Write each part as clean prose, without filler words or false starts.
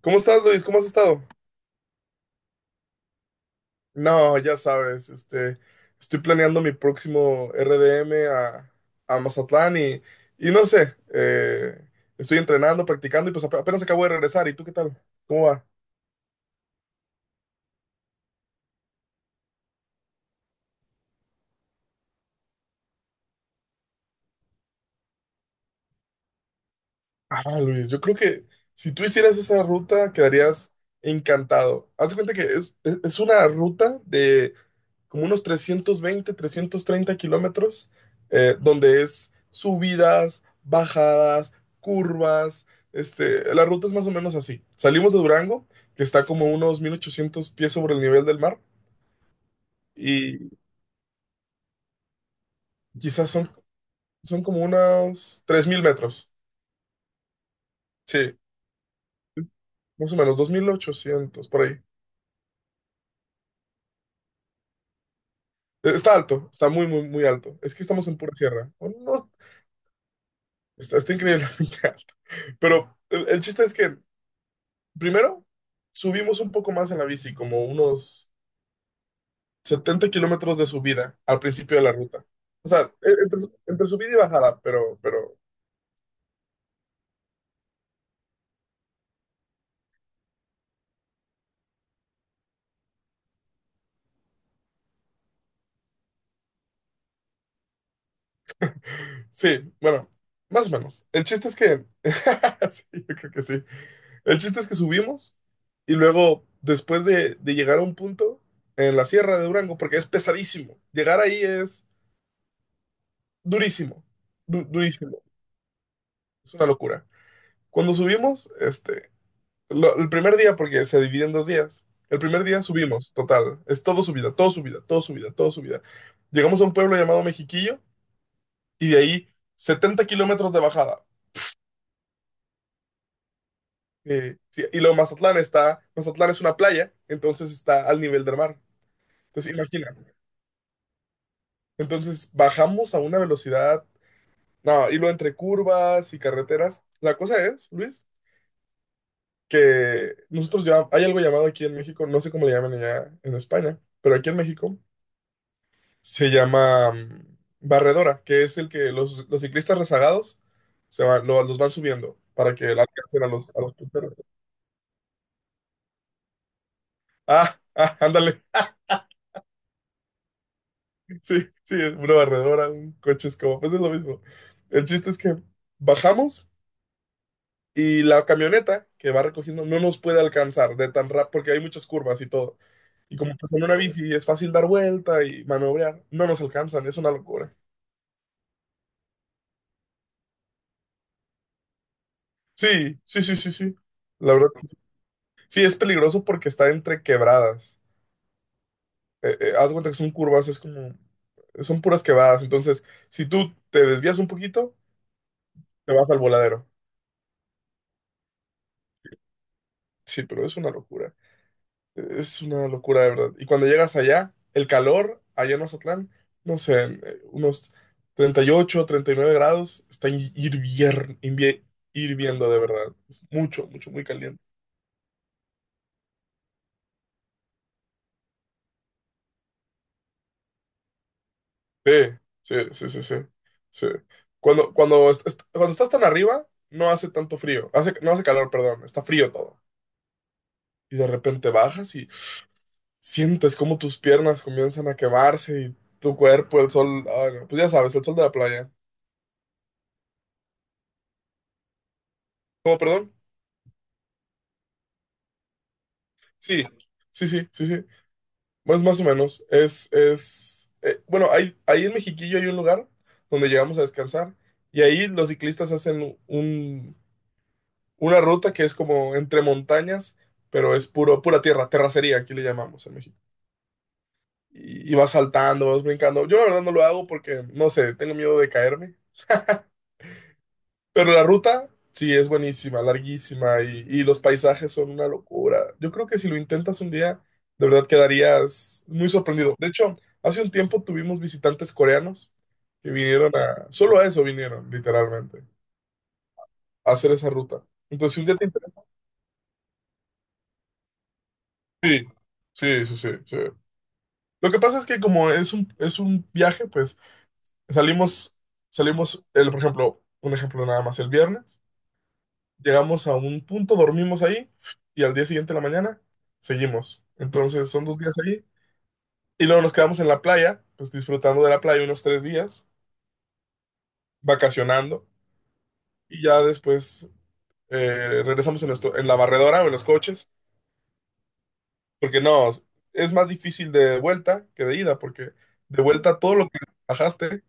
¿Cómo estás, Luis? ¿Cómo has estado? No, ya sabes, este, estoy planeando mi próximo RDM a Mazatlán y no sé, estoy entrenando, practicando y pues apenas acabo de regresar. ¿Y tú qué tal? ¿Cómo va? Ah, Luis, yo creo que si tú hicieras esa ruta quedarías encantado. Haz de cuenta que es una ruta de como unos 320, 330 kilómetros, donde es subidas, bajadas, curvas. Este, la ruta es más o menos así. Salimos de Durango, que está como unos 1800 pies sobre el nivel del mar, y quizás son como unos 3000 metros. Sí, más o menos, 2800 por ahí. Está alto, está muy, muy, muy alto. Es que estamos en pura sierra. Bueno, no, está increíblemente alto. Pero el chiste es que, primero, subimos un poco más en la bici, como unos 70 kilómetros de subida al principio de la ruta. O sea, entre, entre subida y bajada, pero sí, bueno, más o menos. El chiste es que, sí, yo creo que sí. El chiste es que subimos y luego, después de llegar a un punto en la sierra de Durango, porque es pesadísimo, llegar ahí es durísimo, durísimo, es una locura. Cuando subimos, este, el primer día, porque se divide en dos días, el primer día subimos, total, es todo subida, todo subida, todo subida, todo subida. Llegamos a un pueblo llamado Mexiquillo y de ahí 70 kilómetros de bajada. Sí, y luego Mazatlán es una playa, entonces está al nivel del mar. Entonces, imagina, entonces bajamos a una velocidad, no, y lo entre curvas y carreteras. La cosa es, Luis, que nosotros ya hay algo llamado aquí en México, no sé cómo le llaman allá en España, pero aquí en México se llama barredora, que es el que los ciclistas rezagados se van, los van subiendo para que la alcancen a a los punteros. Ah, ah, ándale. Sí, sí, es una barredora, un coche es como pues es lo mismo. El chiste es que bajamos. Y la camioneta que va recogiendo no nos puede alcanzar de tan rápido, porque hay muchas curvas y todo. Y como pues en una bici es fácil dar vuelta y maniobrar, no nos alcanzan, es una locura. Sí, sí, sí, sí, sí. La verdad, que sí, sí, es peligroso porque está entre quebradas. Haz de cuenta que son curvas, es como, son puras quebradas. Entonces, si tú te desvías un poquito, te vas al voladero. Sí, pero es una locura. Es una locura, de verdad. Y cuando llegas allá, el calor, allá en Mazatlán, no sé, unos 38, 39 grados, está hirviendo de verdad. Es mucho, mucho, muy caliente. Sí, sí, sí, sí, sí, sí. Cuando estás tan arriba, no hace tanto frío. Hace, no hace calor, perdón, está frío todo. Y de repente bajas y sientes como tus piernas comienzan a quemarse y tu cuerpo, el sol, ay, no, pues ya sabes, el sol de la playa. ¿Cómo, perdón? Sí, sí, sí, sí, sí. Más, más o menos. Es, bueno, hay, ahí en Mexiquillo hay un lugar donde llegamos a descansar y ahí los ciclistas hacen una ruta que es como entre montañas, pero es puro, pura tierra, terracería, aquí le llamamos en México. Y vas saltando, vas brincando. Yo la verdad no lo hago porque, no sé, tengo miedo de caerme. Pero la ruta, sí, es buenísima, larguísima y los paisajes son una locura. Yo creo que si lo intentas un día, de verdad quedarías muy sorprendido. De hecho, hace un tiempo tuvimos visitantes coreanos que vinieron a... Solo a eso vinieron, literalmente, a hacer esa ruta. Entonces, si un día te interesa... Sí, sí, sí, sí, sí. Lo que pasa es que como es es un viaje, pues salimos, salimos, el, por ejemplo, un ejemplo nada más, el viernes. Llegamos a un punto, dormimos ahí y al día siguiente de la mañana seguimos. Entonces son 2 días ahí y luego nos quedamos en la playa, pues disfrutando de la playa unos 3 días, vacacionando y ya después regresamos en la barredora o en los coches, porque no, es más difícil de vuelta que de ida, porque de vuelta todo lo que bajaste,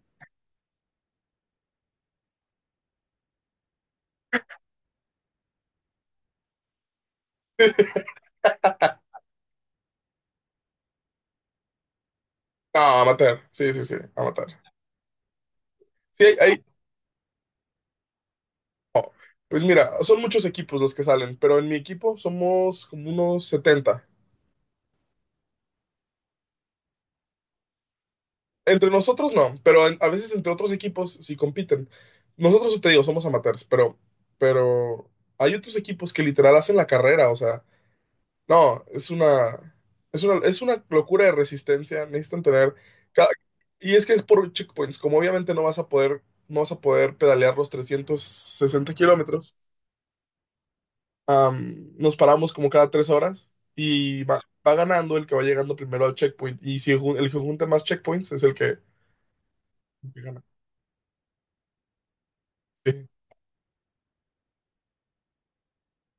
no, a matar, sí, sí, sí, a matar. Sí, pues mira, son muchos equipos los que salen, pero en mi equipo somos como unos setenta. Entre nosotros no, pero a veces entre otros equipos sí compiten. Nosotros, sí te digo, somos amateurs, pero hay otros equipos que literal hacen la carrera, o sea, no, es una locura de resistencia, necesitan tener cada- y es que es por checkpoints, como obviamente no vas a poder, no vas a poder pedalear los 360 kilómetros, am, nos paramos como cada 3 horas y va, va ganando el que va llegando primero al checkpoint, y si el que junta más checkpoints es el que gana. Sí.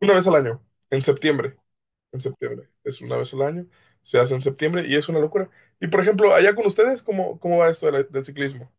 Una vez al año, en septiembre, en septiembre, es una vez al año, se hace en septiembre y es una locura. Y por ejemplo, allá con ustedes, ¿cómo, cómo va esto de del ciclismo?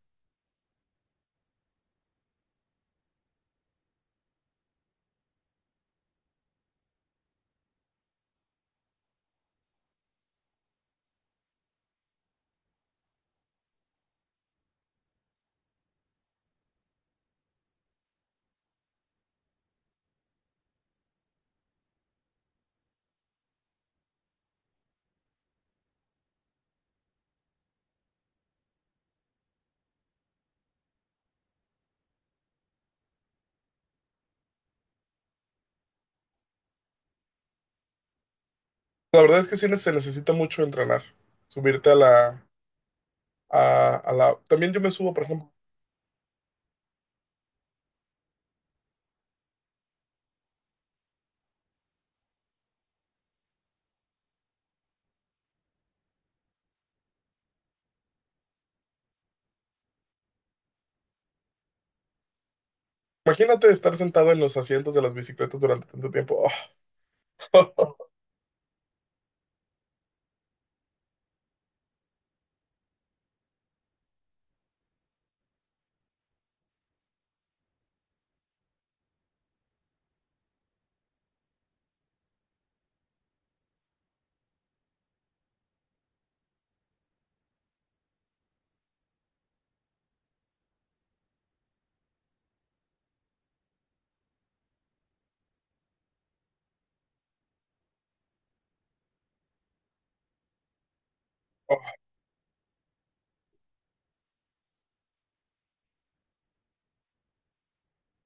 La verdad es que sí se necesita mucho entrenar, subirte a a la... También yo me subo, por ejemplo, imagínate estar sentado en los asientos de las bicicletas durante tanto tiempo.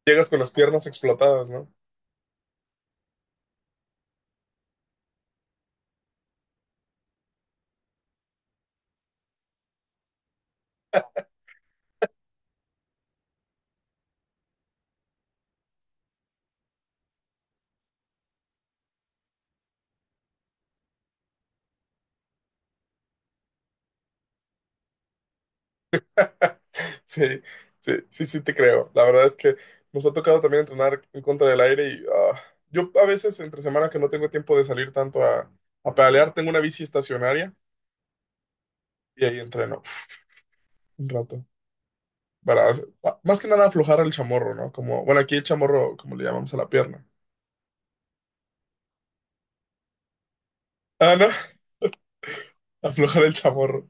Llegas con las piernas explotadas, ¿no? Sí, sí, sí, sí te creo. La verdad es que nos ha tocado también entrenar en contra del aire yo a veces entre semana que no tengo tiempo de salir tanto a pedalear, tengo una bici estacionaria y ahí entreno uf, un rato. Para, más que nada aflojar el chamorro, ¿no? Como, bueno, aquí el chamorro, como le llamamos a la pierna. Ah, no, aflojar el chamorro.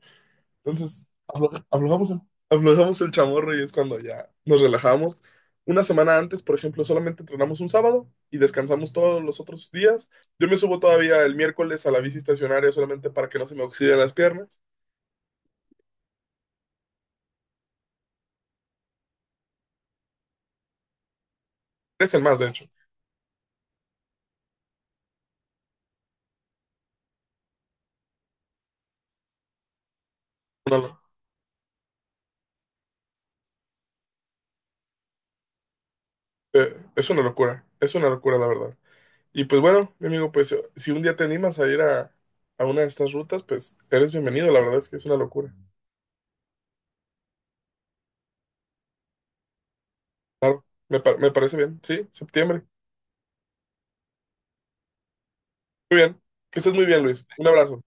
Entonces, aflojamos aflojamos el chamorro y es cuando ya nos relajamos. Una semana antes, por ejemplo, solamente entrenamos un sábado y descansamos todos los otros días. Yo me subo todavía el miércoles a la bici estacionaria solamente para que no se me oxiden las piernas. Es el más, de hecho. Una lo- es una locura, la verdad. Y pues bueno, mi amigo, pues si un día te animas a ir a una de estas rutas, pues eres bienvenido. La verdad es que es una locura. Claro, me, me parece bien. Sí, septiembre. Muy bien. Que estés muy bien, Luis. Un abrazo.